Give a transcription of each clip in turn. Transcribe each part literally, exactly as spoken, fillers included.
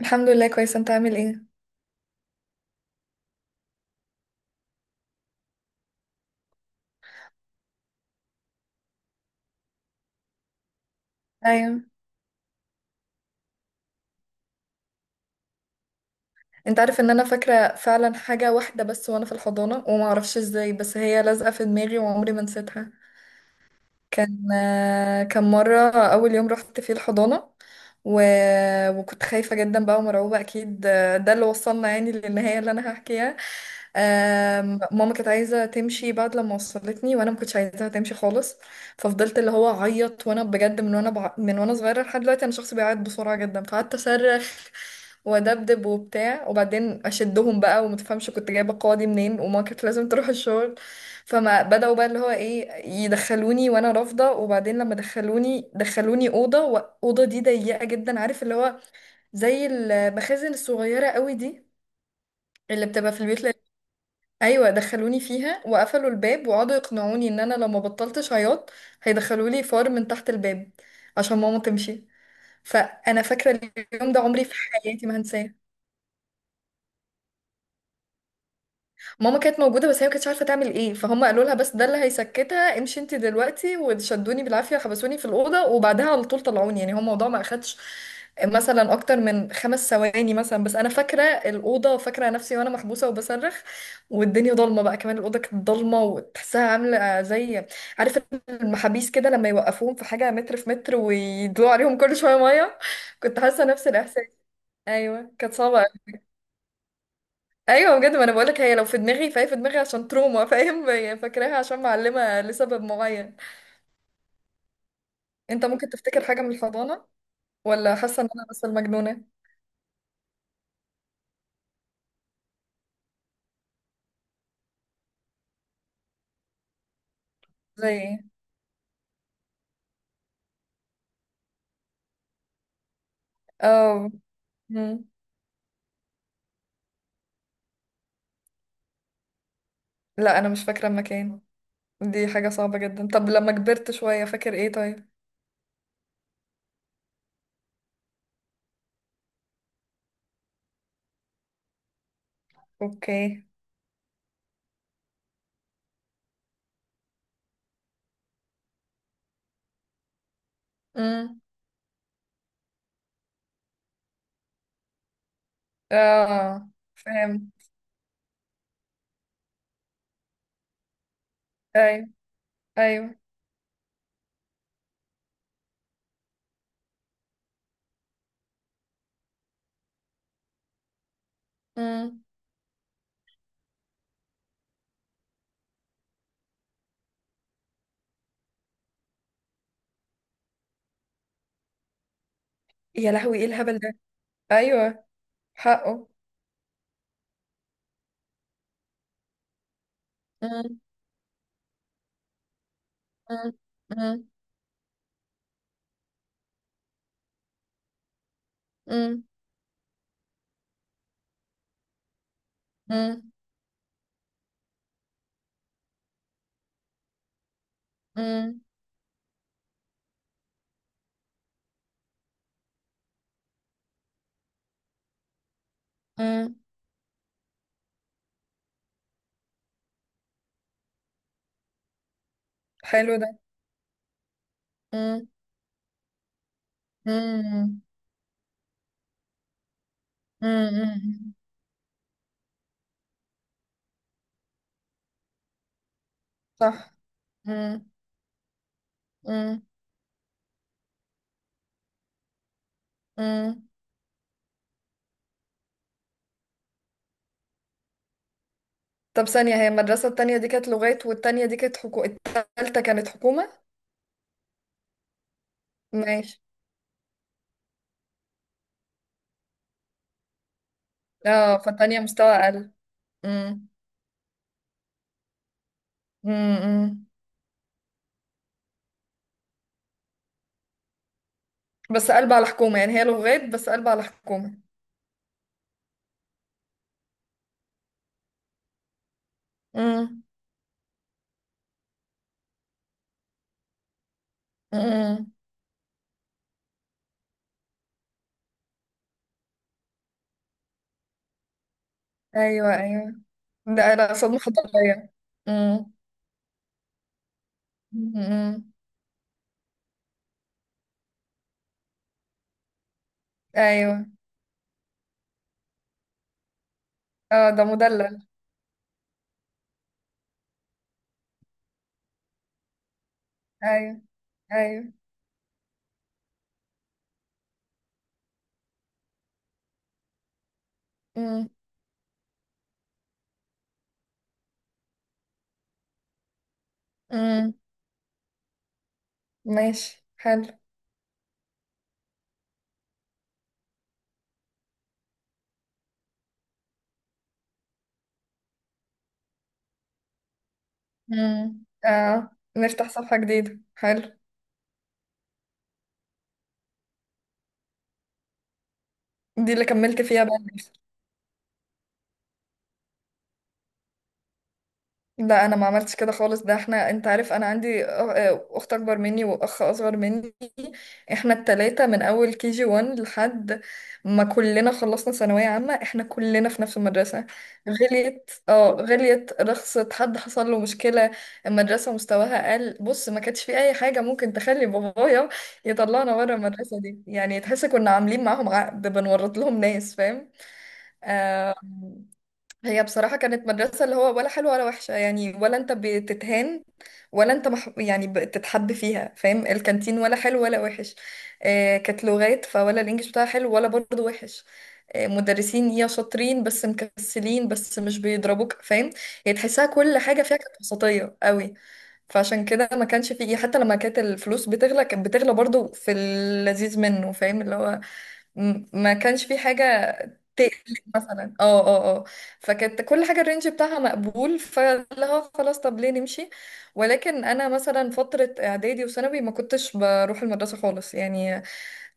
الحمد لله كويس. انت عامل ايه؟ ايوه. انت عارف ان انا فاكره فعلا حاجه واحده بس وانا في الحضانه، وما اعرفش ازاي بس هي لازقه في دماغي وعمري ما نسيتها. كان آه، كان مرة أول يوم رحت فيه الحضانة و... وكنت خايفة جدا بقى ومرعوبة أكيد، آه، ده اللي وصلنا يعني للنهاية اللي أنا هحكيها. آم، ماما كانت عايزة تمشي بعد لما وصلتني، وأنا ما كنتش عايزاها تمشي خالص. ففضلت اللي هو أعيط، وأنا بجد من وأنا بع... من وأنا صغيرة لحد دلوقتي أنا شخص بيعيط بسرعة جدا، فقعدت أصرخ وأدبدب وبتاع، وبعدين أشدهم بقى ومتفهمش كنت جايبة القوة دي منين، وما كانت لازم تروح الشغل. فما بدأوا بقى اللي هو ايه، يدخلوني وانا رافضة، وبعدين لما دخلوني دخلوني أوضة، وأوضة دي ضيقة جدا، عارف اللي هو زي المخازن الصغيرة قوي دي اللي بتبقى في البيوت ل- ايوه دخلوني فيها وقفلوا الباب، وقعدوا يقنعوني ان انا لو ما بطلتش عياط هيدخلوا لي فار من تحت الباب عشان ماما تمشي. فانا فاكره اليوم ده عمري في حياتي ما هنساه. ماما كانت موجودة بس هي ما كانتش عارفة تعمل ايه، فهم قالوا لها بس ده اللي هيسكتها، امشي انت دلوقتي، وشدوني بالعافية، حبسوني في الأوضة وبعدها على طول طلعوني. يعني هو الموضوع ما أخدش مثلا أكتر من خمس ثواني مثلا، بس أنا فاكرة الأوضة وفاكرة نفسي وأنا محبوسة وبصرخ، والدنيا ضلمة بقى، كمان الأوضة كانت ضلمة وتحسها عاملة زي، عارف، المحابيس كده لما يوقفوهم في حاجة متر في متر ويدلوا عليهم كل شوية مية. كنت حاسة نفس الإحساس. أيوه كانت صعبة. ايوه بجد، ما انا بقولك هي لو في دماغي فهي في دماغي عشان تروما، فاهم؟ هي فاكراها عشان معلمه لسبب معين. انت ممكن تفتكر حاجه من الحضانه؟ ولا حاسه ان انا بس المجنونه؟ زي ايه؟ اه. مم. لا انا مش فاكره المكان. دي حاجه صعبه جدا. طب لما كبرت شويه فاكر ايه طيب؟ اوكي. امم. اه فاهم. ايوه ايوه. امم. يا لهوي، ايه الهبل ده؟ ايوه، حقه. امم. امم. امم. امم. امم. امم. حلو ده. مم. مم. مم. مم. صح. مم. مم. مم. طب ثانية، هي المدرسة التانية دي كانت لغات، والتانية دي كانت حكو... التالتة كانت حكومة؟ ماشي. اه، فالتانية مستوى أقل. مم. امم. بس قلب على حكومة يعني، هي لغات بس قلب على حكومة. مم. مم. ايوه ايوه. ده لا، صدمة حضارية. مم. مم. ايوه. اه ده مدلل. ايوه ايوه. مم. مم. ماشي حلو. مم. اه نفتح صفحة جديدة، حلو. دي اللي كملت فيها بقى؟ لا انا ما عملتش كده خالص. ده احنا، انت عارف انا عندي أ- اخت اكبر مني واخ اصغر مني، احنا التلاتة من اول كي جي وان لحد ما كلنا خلصنا ثانوية عامة احنا كلنا في نفس المدرسة. غليت، اه غليت، رخصت، حد حصل له مشكلة، المدرسة مستواها قل، بص ما كانش في اي حاجة ممكن تخلي بابايا يطلعنا بره المدرسة دي. يعني تحس كنا عاملين معاهم عقد بنورط لهم ناس، فاهم؟ آه. هي بصراحة كانت مدرسة اللي هو ولا حلوة ولا وحشة، يعني ولا انت بتتهان ولا انت مح... يعني بتتحب فيها، فاهم؟ الكانتين ولا حلو ولا وحش، آه كانت لغات فولا الانجليش بتاعها حلو ولا برضه وحش، آه مدرسين يا شاطرين بس مكسلين بس مش بيضربوك، فاهم؟ يعني تحسها كل حاجة فيها كانت وسطية قوي. فعشان كده ما كانش فيه، حتى لما كانت الفلوس بتغلى كانت بتغلى برضه في اللذيذ منه، فاهم اللي هو، م- ما كانش في حاجة تقلق مثلا، اه اه اه. فكانت كل حاجة الرينج بتاعها مقبول، فاللي هو خلاص طب ليه نمشي. ولكن انا مثلا فترة اعدادي وثانوي ما كنتش بروح المدرسة خالص يعني،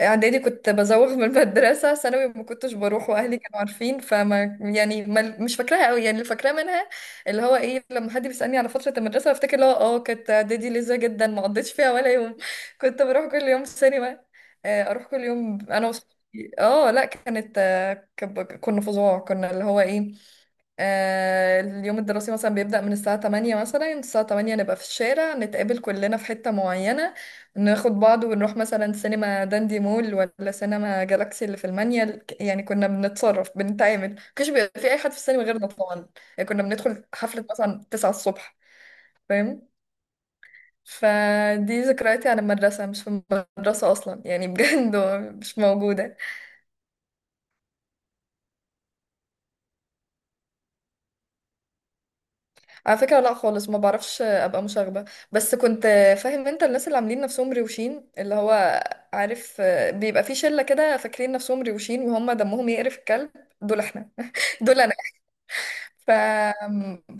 اعدادي كنت بزوغ من المدرسة، ثانوي ما كنتش بروح، واهلي كانوا عارفين، فما يعني، ما مش فاكراها قوي، يعني اللي فاكراه منها اللي هو ايه، لما حد بيسألني على فترة المدرسة بفتكر اللي هو اه كانت اعدادي لذيذة جدا ما قضيتش فيها ولا يوم. كنت بروح كل يوم سينما، آه، اروح كل يوم انا وصحابي، اه لا كانت كب- كنا فظاع، كنا اللي هو ايه، آه اليوم الدراسي مثلا بيبدأ من الساعة تمانية مثلا، الساعة الثامنة نبقى في الشارع، نتقابل كلنا في حتة معينة، ناخد بعض ونروح مثلا سينما داندي مول ولا سينما جالاكسي اللي في المانيال. ك- يعني كنا بنتصرف بنتعامل، مكانش بيبقى في اي حد في السينما غيرنا طبعا، يعني كنا بندخل حفلة مثلا تسعة الصبح، فاهم؟ فدي ذكرياتي عن المدرسة، مش في المدرسة أصلا يعني، بجد مش موجودة. على فكرة لا خالص، ما بعرفش ابقى مشاغبة، بس كنت، فاهم انت الناس اللي عاملين نفسهم روشين اللي هو، عارف، بيبقى في شلة كده فاكرين نفسهم روشين وهم دمهم يقرف الكلب، دول احنا. دول ف...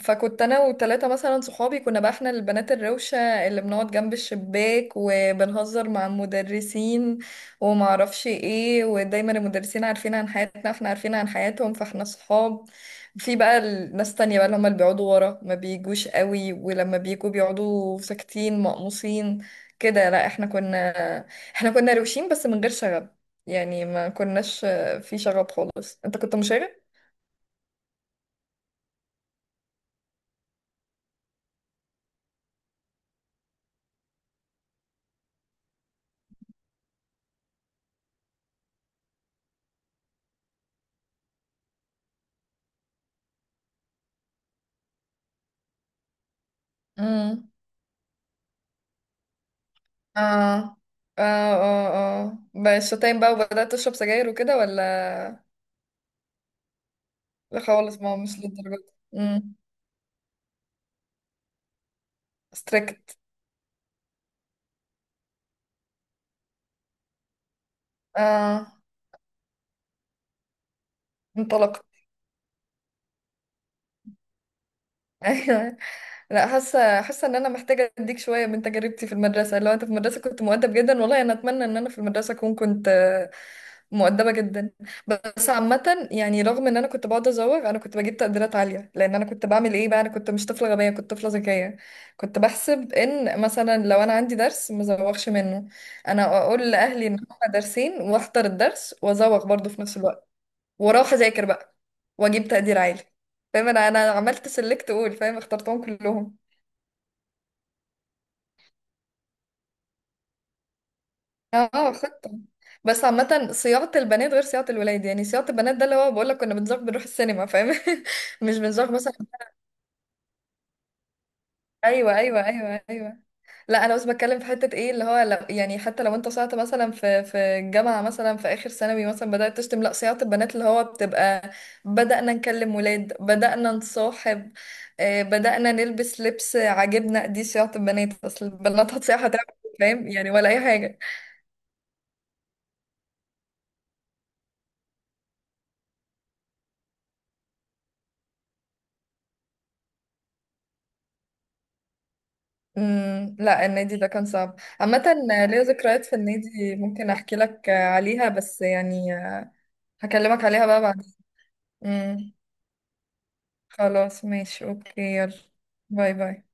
فكنت انا وثلاثه مثلا صحابي، كنا بقى احنا البنات الروشه اللي بنقعد جنب الشباك وبنهزر مع المدرسين وما اعرفش ايه، ودايما المدرسين عارفين عن حياتنا احنا عارفين عن حياتهم، فاحنا صحاب. في بقى الناس تانية بقى اللي هم اللي بيقعدوا ورا، ما بيجوش قوي ولما بيجوا بيقعدوا ساكتين مقموصين كده. لا احنا كنا، احنا كنا روشين بس من غير شغب، يعني ما كناش في شغب خالص. انت كنت مشاغب؟ اه اه اه، اه بقى شتايم بقى وبدأت تشرب سجاير وكده ولا؟ لا خالص ما هو مش للدرجة دي. امم. ستريكت. اه انطلقت. لا حاسه حاسه ان انا محتاجه اديك شويه من تجربتي في المدرسه. لو انت في المدرسه كنت مؤدب جدا، والله انا اتمنى ان انا في المدرسه اكون كنت آه، مؤدبه جدا. بس عامه، يعني رغم ان انا كنت بقعد ازوغ انا كنت بجيب تقديرات عاليه، لان انا كنت بعمل ايه بقى، انا كنت مش طفله غبيه، كنت طفله ذكيه، كنت بحسب ان مثلا لو انا عندي درس ما ازوغش منه، انا اقول لاهلي ان هما درسين واحضر الدرس وازوغ برضه في نفس الوقت، واروح اذاكر بقى واجيب تقدير عالي، فاهم؟ انا انا عملت سلكت قول، فاهم اخترتهم كلهم. اه خطة. بس عامة صياعة البنات غير صياعة الولاد، يعني صياعة البنات ده اللي هو بقول لك كنا بنزاغ بنروح السينما، فاهم؟ مش بنزاغ مثلا. ايوه ايوه ايوه ايوه. لا انا بس بتكلم في حتة ايه اللي هو، لو يعني حتى لو انت صيعت مثلا في في الجامعة مثلا، في اخر ثانوي مثلا بدأت تشتم، لا صياعة البنات اللي هو بتبقى، بدأنا نكلم ولاد، بدأنا نصاحب، آه، بدأنا نلبس لبس عاجبنا، دي صياعة البنات، اصل البنات هتصيح هتعمل إيه، فاهم يعني، ولا اي حاجة. امم. لا النادي ده كان صعب عامة، ليا ذكريات في النادي ممكن احكي لك عليها بس، يعني هكلمك عليها بقى بعدين. امم. خلاص ماشي اوكي يلا. باي باي.